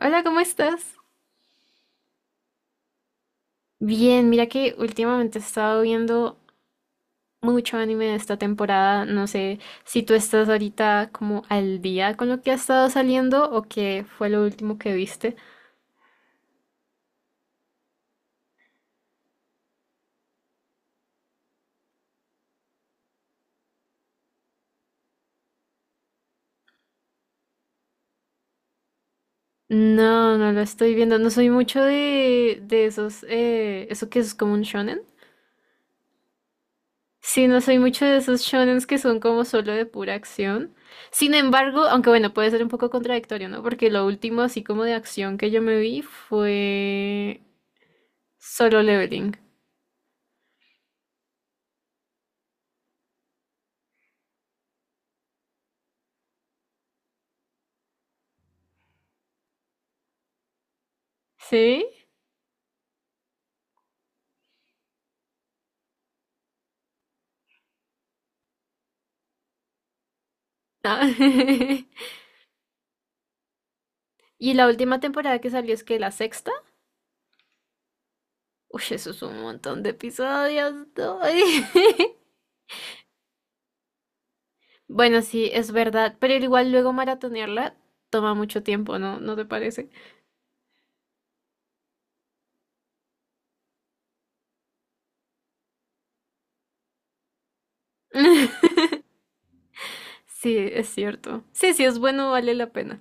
Hola, ¿cómo estás? Bien, mira que últimamente he estado viendo mucho anime de esta temporada. No sé si tú estás ahorita como al día con lo que ha estado saliendo o qué fue lo último que viste. No, no lo estoy viendo. No soy mucho de esos, eso que es como un shonen. Sí, no soy mucho de esos shonens que son como solo de pura acción. Sin embargo, aunque bueno, puede ser un poco contradictorio, ¿no? Porque lo último así como de acción que yo me vi fue Solo Leveling. ¿Sí? Ah, Y la última temporada que salió es que la sexta. Uy, eso es un montón de episodios. No. Bueno, sí, es verdad, pero igual luego maratonearla toma mucho tiempo, ¿no? ¿No te parece? Sí, es cierto. Sí, sí, es bueno, vale la pena.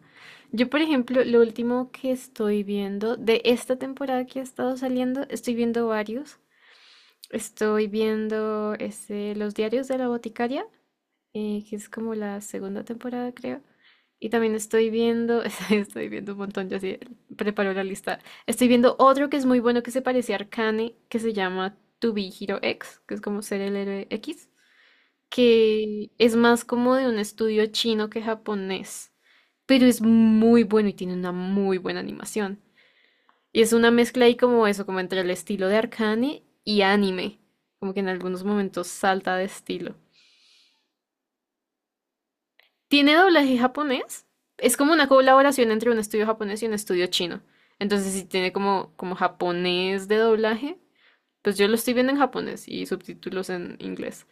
Yo, por ejemplo, lo último que estoy viendo de esta temporada que ha estado saliendo, estoy viendo varios. Estoy viendo este, Los diarios de la boticaria. Que es como la segunda temporada, creo. Y también estoy viendo, estoy viendo un montón, yo así preparo la lista. Estoy viendo otro que es muy bueno que se parece a Arcane, que se llama To Be Hero X, que es como ser el héroe X, que es más como de un estudio chino que japonés, pero es muy bueno y tiene una muy buena animación. Y es una mezcla ahí como eso, como entre el estilo de Arcane y anime, como que en algunos momentos salta de estilo. Tiene doblaje japonés. Es como una colaboración entre un estudio japonés y un estudio chino. Entonces, si tiene como japonés de doblaje, pues yo lo estoy viendo en japonés y subtítulos en inglés.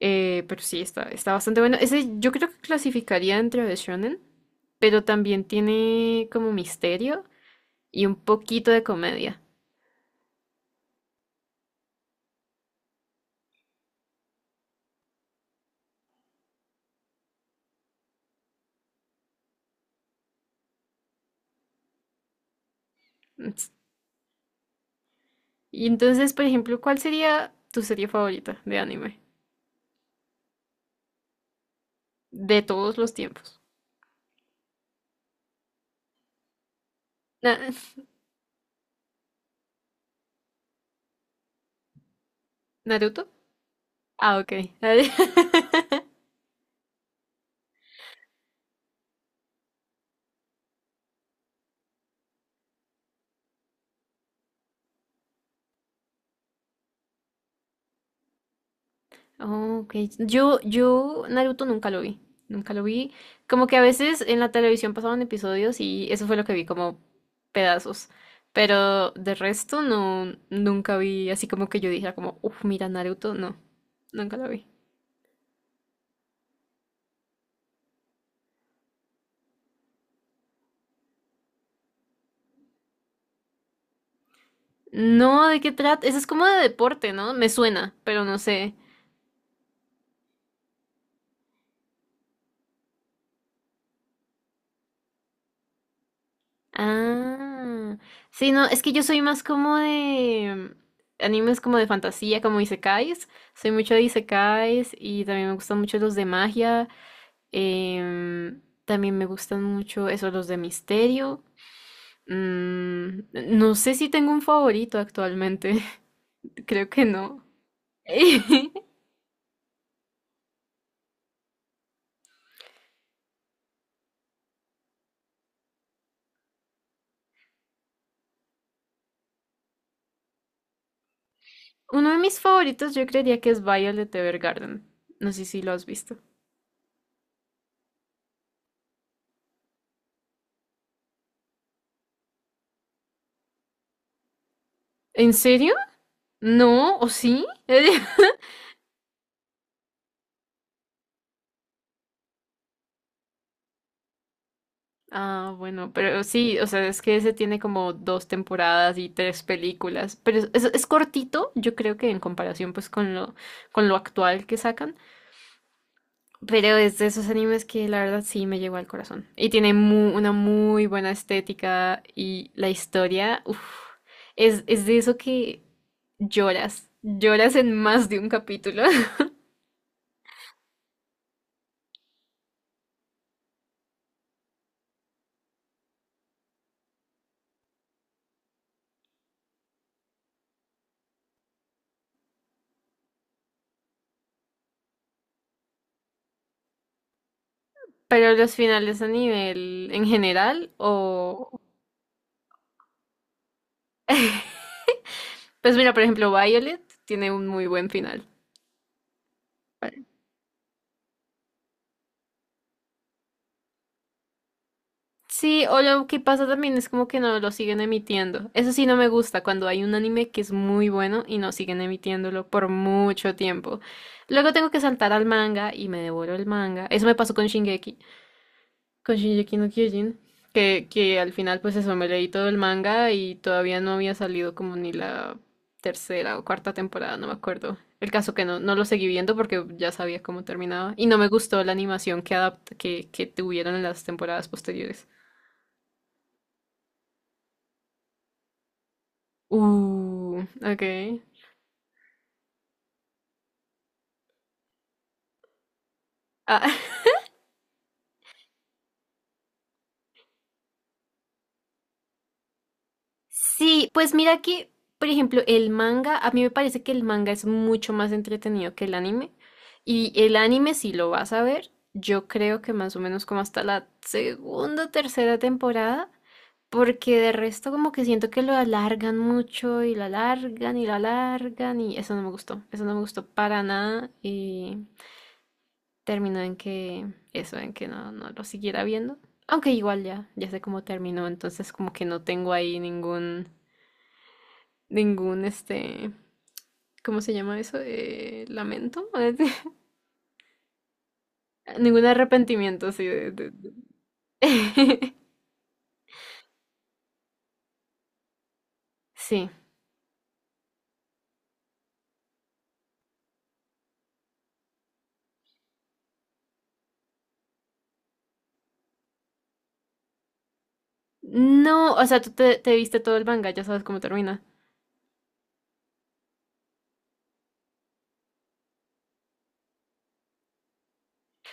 Pero sí, está bastante bueno. Ese yo creo que clasificaría dentro de shonen, pero también tiene como misterio y un poquito de comedia. Ents- Y entonces, por ejemplo, ¿cuál sería tu serie favorita de anime? De todos los tiempos. Na- ¿Naruto? Ah, ok. Oh, ok. Yo Naruto nunca lo vi. Nunca lo vi. Como que a veces en la televisión pasaban episodios y eso fue lo que vi, como pedazos. Pero de resto no, nunca vi así como que yo dijera como, uff, mira Naruto. No, nunca lo vi. No, ¿de qué trata? Eso es como de deporte, ¿no? Me suena, pero no sé. Ah, sí, no, es que yo soy más como de animes como de fantasía, como isekais. Soy mucho de isekais y también me gustan mucho los de magia. También me gustan mucho esos los de misterio. No sé si tengo un favorito actualmente. Creo que no. Uno de mis favoritos yo creería que es Violet Evergarden. No sé si lo has visto. ¿En serio? ¿No? ¿O sí? Ah, bueno, pero sí, o sea, es que ese tiene como dos temporadas y tres películas, pero es cortito, yo creo que en comparación pues con lo actual que sacan, pero es de esos animes que la verdad sí me llegó al corazón. Y tiene una muy buena estética y la historia, uf, es de eso que lloras, lloras en más de un capítulo. Pero los finales a nivel en general o... Pues mira, por ejemplo, Violet tiene un muy buen final. Sí, o lo que pasa también es como que no lo siguen emitiendo. Eso sí no me gusta cuando hay un anime que es muy bueno y no siguen emitiéndolo por mucho tiempo. Luego tengo que saltar al manga y me devoro el manga. Eso me pasó con con Shingeki no Kyojin, que al final pues eso me leí todo el manga y todavía no había salido como ni la tercera o cuarta temporada, no me acuerdo. El caso que no, no lo seguí viendo porque ya sabía cómo terminaba y no me gustó la animación que que tuvieron en las temporadas posteriores. Ok. Ah, sí, pues mira que, por ejemplo, el manga, a mí me parece que el manga es mucho más entretenido que el anime. Y el anime, si lo vas a ver, yo creo que más o menos como hasta la segunda o tercera temporada, porque de resto como que siento que lo alargan mucho y lo alargan y lo alargan y eso no me gustó, eso no me gustó para nada. Terminó en que eso, en que no lo siguiera viendo. Aunque igual ya, ya sé cómo terminó, entonces como que no tengo ahí ningún, este, ¿cómo se llama eso? Lamento, ningún arrepentimiento así de. Sí. No, o sea, tú te viste todo el manga, ya sabes cómo termina.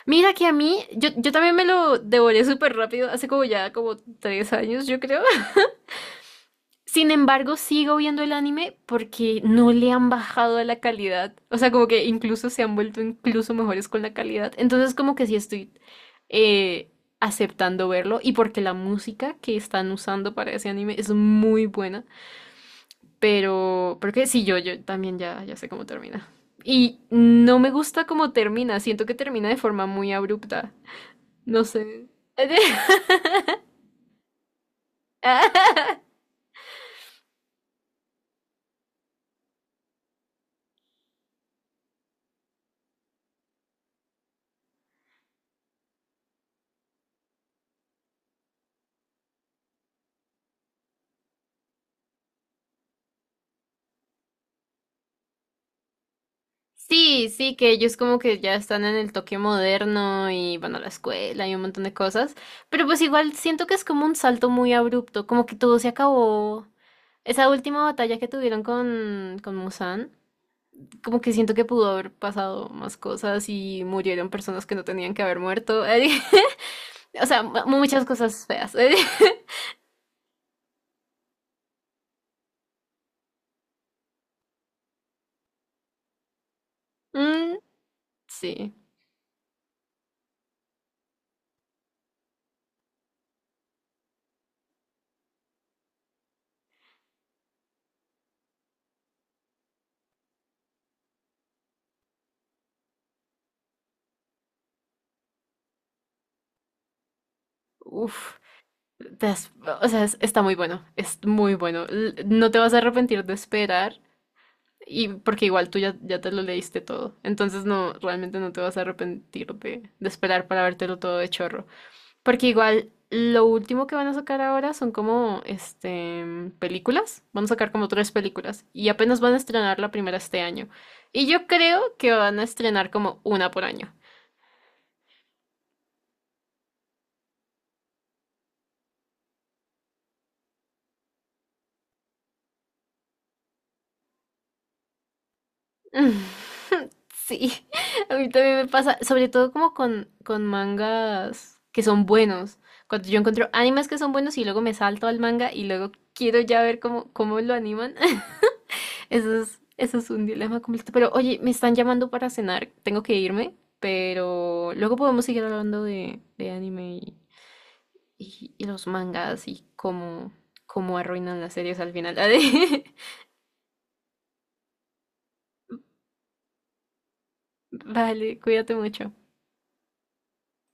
Mira que a mí, yo también me lo devoré súper rápido, hace como ya como 3 años, yo creo. Sin embargo, sigo viendo el anime porque no le han bajado a la calidad. O sea, como que incluso se han vuelto incluso mejores con la calidad. Entonces, como que sí estoy eh, aceptando verlo. Y porque la música que están usando para ese anime es muy buena. Pero, porque sí, yo también ya, ya sé cómo termina. Y no me gusta cómo termina. Siento que termina de forma muy abrupta. No sé. Sí, sí, que ellos como que ya están en el toque moderno y bueno, la escuela y un montón de cosas, pero pues igual siento que es como un salto muy abrupto, como que todo se acabó. Esa última batalla que tuvieron con, Muzan, como que siento que pudo haber pasado más cosas y murieron personas que no tenían que haber muerto. O sea, muchas cosas feas. Mm, sí. Uf. Te has- o sea, está muy bueno. Es muy bueno. No te vas a arrepentir de esperar. Y porque igual tú ya, ya te lo leíste todo. Entonces no, realmente no te vas a arrepentir de, esperar para vértelo todo de chorro. Porque igual lo último que van a sacar ahora son como este películas. Van a sacar como tres películas. Y apenas van a estrenar la primera este año. Y yo creo que van a estrenar como una por año. Sí, a mí también me pasa, sobre todo como con mangas que son buenos. Cuando yo encuentro animes que son buenos y luego me salto al manga y luego quiero ya ver cómo lo animan. Eso es un dilema completo. Pero oye, me están llamando para cenar, tengo que irme, pero luego podemos seguir hablando de anime y los mangas y cómo arruinan las series al final. Vale, cuídate mucho.